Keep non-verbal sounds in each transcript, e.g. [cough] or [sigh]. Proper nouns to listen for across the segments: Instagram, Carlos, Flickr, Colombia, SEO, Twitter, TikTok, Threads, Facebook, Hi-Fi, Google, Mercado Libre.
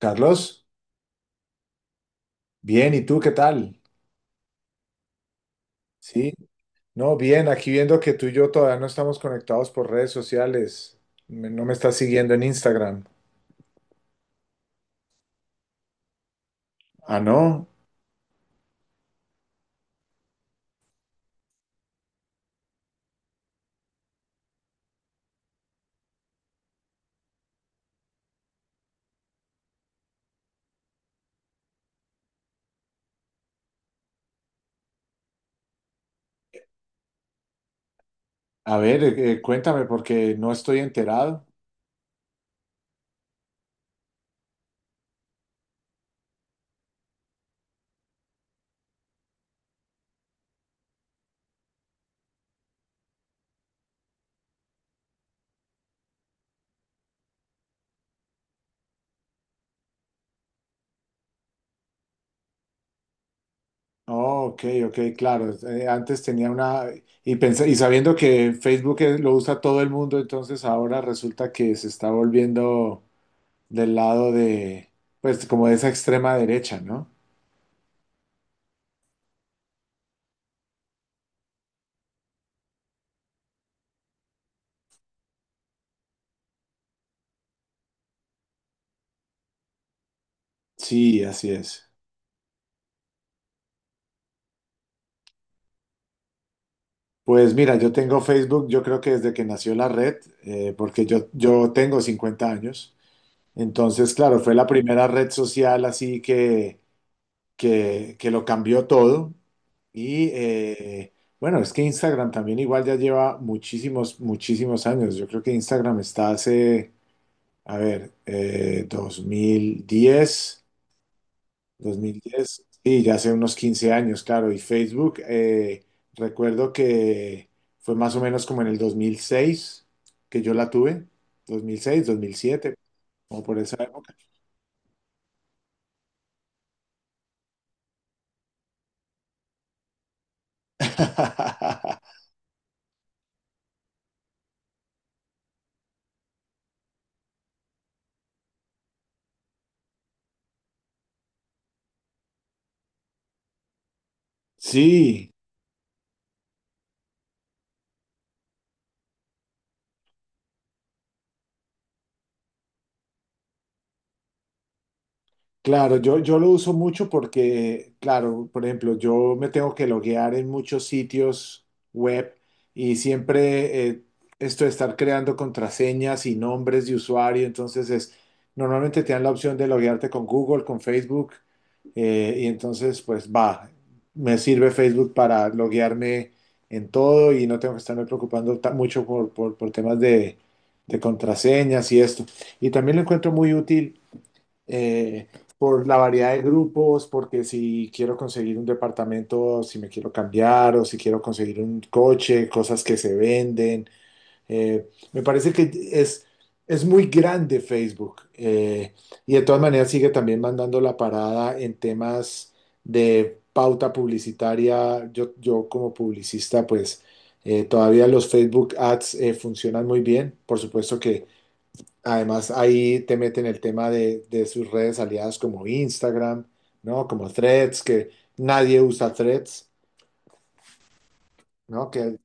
Carlos, bien, ¿y tú qué tal? Sí, no, bien, aquí viendo que tú y yo todavía no estamos conectados por redes sociales. No me estás siguiendo en Instagram. Ah, no, a ver, cuéntame porque no estoy enterado. Oh, ok, ok, claro, antes tenía una, y pensé, y sabiendo que Facebook lo usa todo el mundo, entonces ahora resulta que se está volviendo del lado de, pues como de esa extrema derecha, ¿no? Sí, así es. Pues mira, yo tengo Facebook, yo creo que desde que nació la red, porque yo tengo 50 años. Entonces, claro, fue la primera red social así que lo cambió todo. Y bueno, es que Instagram también igual ya lleva muchísimos, muchísimos años. Yo creo que Instagram está hace, a ver, 2010, 2010, sí, ya hace unos 15 años, claro. Y Facebook, recuerdo que fue más o menos como en el 2006 que yo la tuve, 2006, 2007, como por esa época. [laughs] Sí. Claro, yo lo uso mucho porque, claro, por ejemplo, yo me tengo que loguear en muchos sitios web, y siempre esto de estar creando contraseñas y nombres de usuario, entonces es, normalmente te dan la opción de loguearte con Google, con Facebook, y entonces pues va, me sirve Facebook para loguearme en todo y no tengo que estarme preocupando mucho por, por temas de contraseñas y esto. Y también lo encuentro muy útil, eh, por la variedad de grupos, porque si quiero conseguir un departamento, si me quiero cambiar o si quiero conseguir un coche, cosas que se venden. Me parece que es muy grande Facebook, y de todas maneras sigue también mandando la parada en temas de pauta publicitaria. Yo como publicista, pues... todavía los Facebook Ads funcionan muy bien. Por supuesto que además, ahí te meten el tema de sus redes aliadas como Instagram, ¿no? Como Threads, que nadie usa Threads, ¿no? Que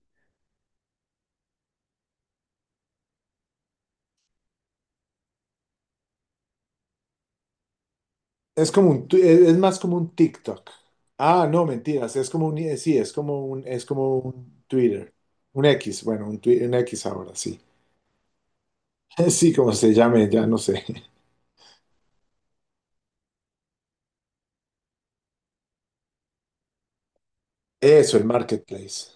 es como un, es más como un TikTok. Ah, no, mentiras, es como un, sí, es como un Twitter, un X, bueno, un, un X ahora, sí. [laughs] Sí, como se llame, ya no sé. Eso, el marketplace.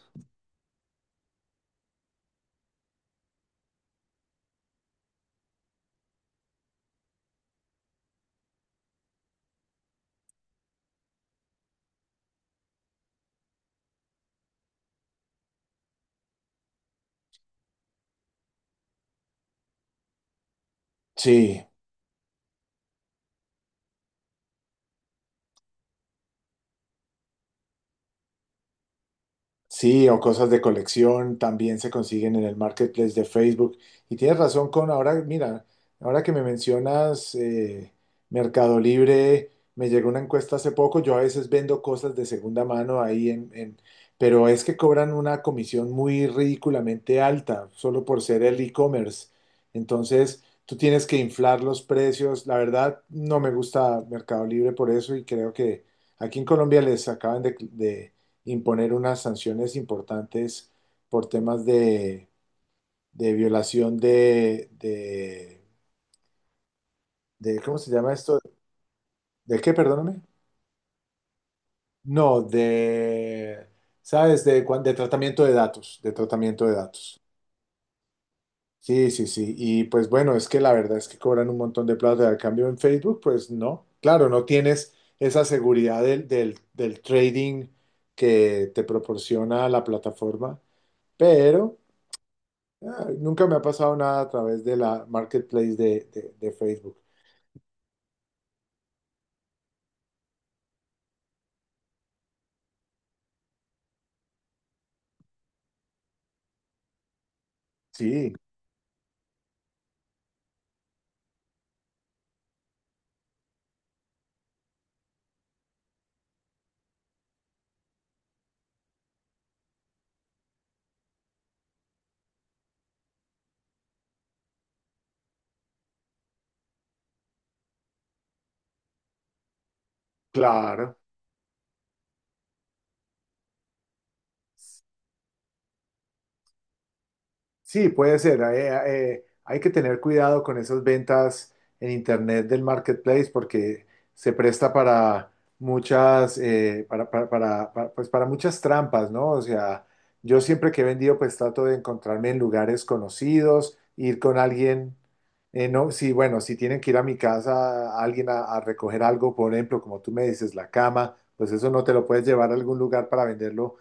Sí. Sí, o cosas de colección también se consiguen en el marketplace de Facebook. Y tienes razón con ahora, mira, ahora que me mencionas Mercado Libre, me llegó una encuesta hace poco, yo a veces vendo cosas de segunda mano ahí en, pero es que cobran una comisión muy ridículamente alta, solo por ser el e-commerce. Entonces, tú tienes que inflar los precios. La verdad, no me gusta Mercado Libre por eso, y creo que aquí en Colombia les acaban de imponer unas sanciones importantes por temas de violación de ¿cómo se llama esto? ¿De qué, perdóname? No, de, ¿sabes? De, de tratamiento de datos, de tratamiento de datos. Sí, sí, sí. Y pues bueno, es que la verdad es que cobran un montón de plata. Al cambio en Facebook, pues no. Claro, no tienes esa seguridad del trading que te proporciona la plataforma, pero... Ah, nunca me ha pasado nada a través de la marketplace de, de Facebook. Sí, claro. Sí, puede ser. Hay que tener cuidado con esas ventas en Internet del marketplace porque se presta para muchas, pues para muchas trampas, ¿no? O sea, yo siempre que he vendido, pues trato de encontrarme en lugares conocidos, ir con alguien, no, sí, bueno, si tienen que ir a mi casa, a alguien a recoger algo, por ejemplo, como tú me dices, la cama, pues eso no te lo puedes llevar a algún lugar para venderlo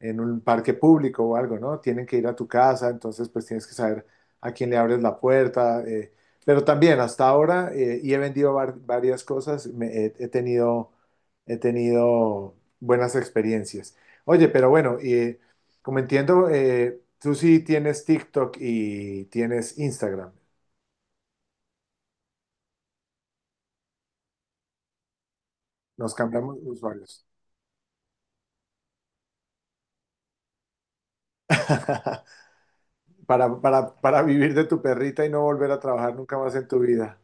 en un parque público o algo, ¿no? Tienen que ir a tu casa, entonces pues tienes que saber a quién le abres la puerta. Eh, pero también hasta ahora, y he vendido varias cosas, he tenido buenas experiencias. Oye, pero bueno, como entiendo, tú sí tienes TikTok y tienes Instagram. Nos cambiamos de usuarios. [laughs] Para vivir de tu perrita y no volver a trabajar nunca más en tu vida.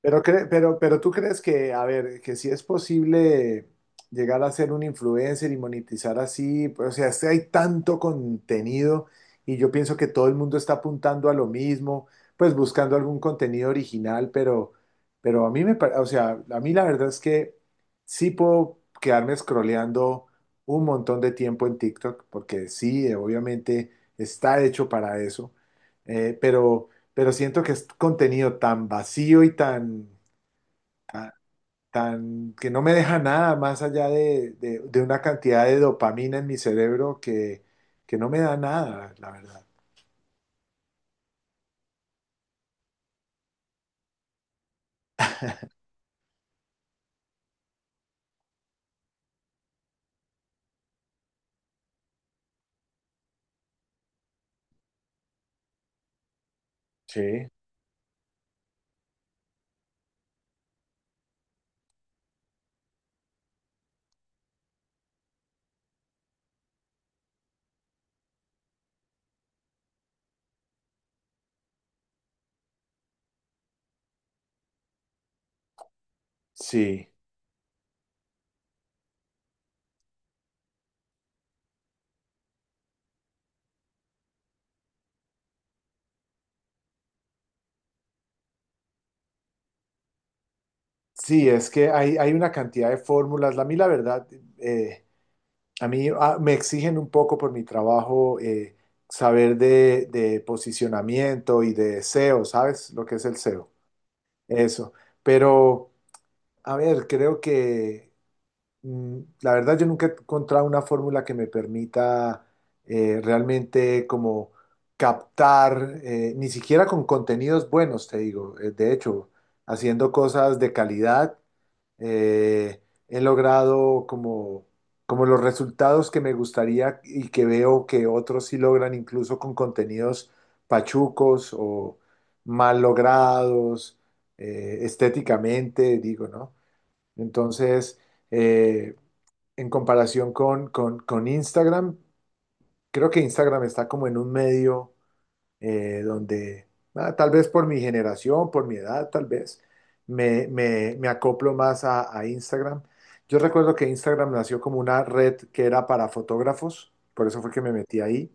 Pero, pero tú crees que, a ver, que si es posible llegar a ser un influencer y monetizar así, pues, o sea, es que hay tanto contenido, y yo pienso que todo el mundo está apuntando a lo mismo, pues buscando algún contenido original, pero a mí me, o sea, a mí la verdad es que sí puedo quedarme scrolleando un montón de tiempo en TikTok, porque sí, obviamente está hecho para eso, eh, pero pero siento que es contenido tan vacío y tan, tan que no me deja nada más allá de, de una cantidad de dopamina en mi cerebro que no me da nada, la verdad. Sí. Sí, sí, es que hay una cantidad de fórmulas. A mí, la verdad, eh, a mí me exigen un poco por mi trabajo, saber de posicionamiento y de SEO. ¿Sabes lo que es el SEO? Eso. Pero, a ver, creo que la verdad, yo nunca he encontrado una fórmula que me permita realmente como captar, ni siquiera con contenidos buenos, te digo. De hecho, haciendo cosas de calidad, eh, he logrado como, como los resultados que me gustaría y que veo que otros sí logran, incluso con contenidos pachucos o mal logrados, estéticamente, digo, ¿no? Entonces... eh, en comparación con, con Instagram, creo que Instagram está como en un medio, donde, ah, tal vez por mi generación, por mi edad, tal vez, me, me acoplo más a Instagram. Yo recuerdo que Instagram nació como una red que era para fotógrafos, por eso fue que me metí ahí.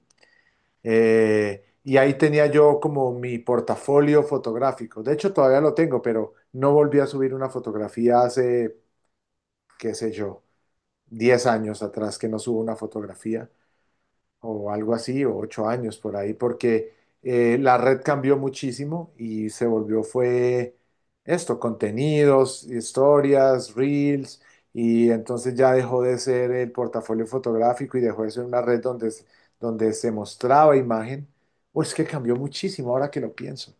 Y ahí tenía yo como mi portafolio fotográfico. De hecho, todavía lo tengo, pero no volví a subir una fotografía hace, qué sé yo, 10 años atrás que no subo una fotografía. O algo así, o 8 años por ahí, porque la red cambió muchísimo y se volvió, fue esto, contenidos, historias, reels, y entonces ya dejó de ser el portafolio fotográfico y dejó de ser una red donde, donde se mostraba imagen. O es que cambió muchísimo ahora que lo pienso.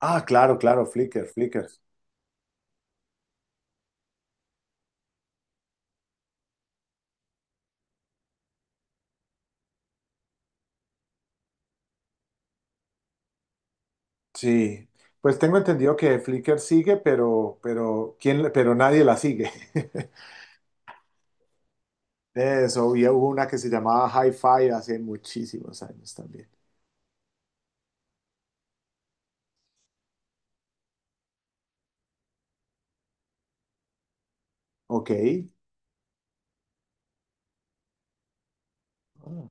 Ah, claro, claro, Flickr, Flickr. Sí. Pues tengo entendido que Flickr sigue, pero, ¿quién, pero nadie la sigue. [laughs] Eso, y hubo una que se llamaba Hi-Fi hace muchísimos años también. Ok. Ah,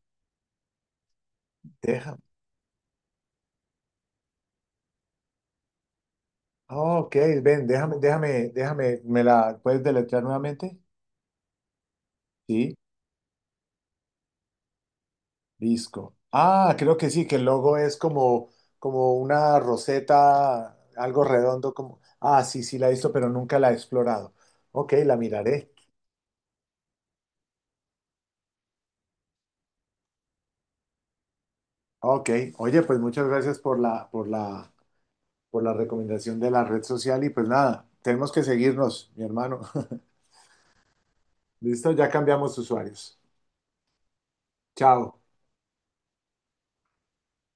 déjame. Ah, ok, ven, déjame. ¿Me la puedes deletrear nuevamente? Sí, disco. Ah, creo que sí, que el logo es como, como una roseta, algo redondo, como. Ah, sí, sí, la he visto, pero nunca la he explorado. Ok, la miraré. Ok, oye, pues muchas gracias por la, por la recomendación de la red social, y pues nada, tenemos que seguirnos, mi hermano. Listo, ya cambiamos usuarios. Chao.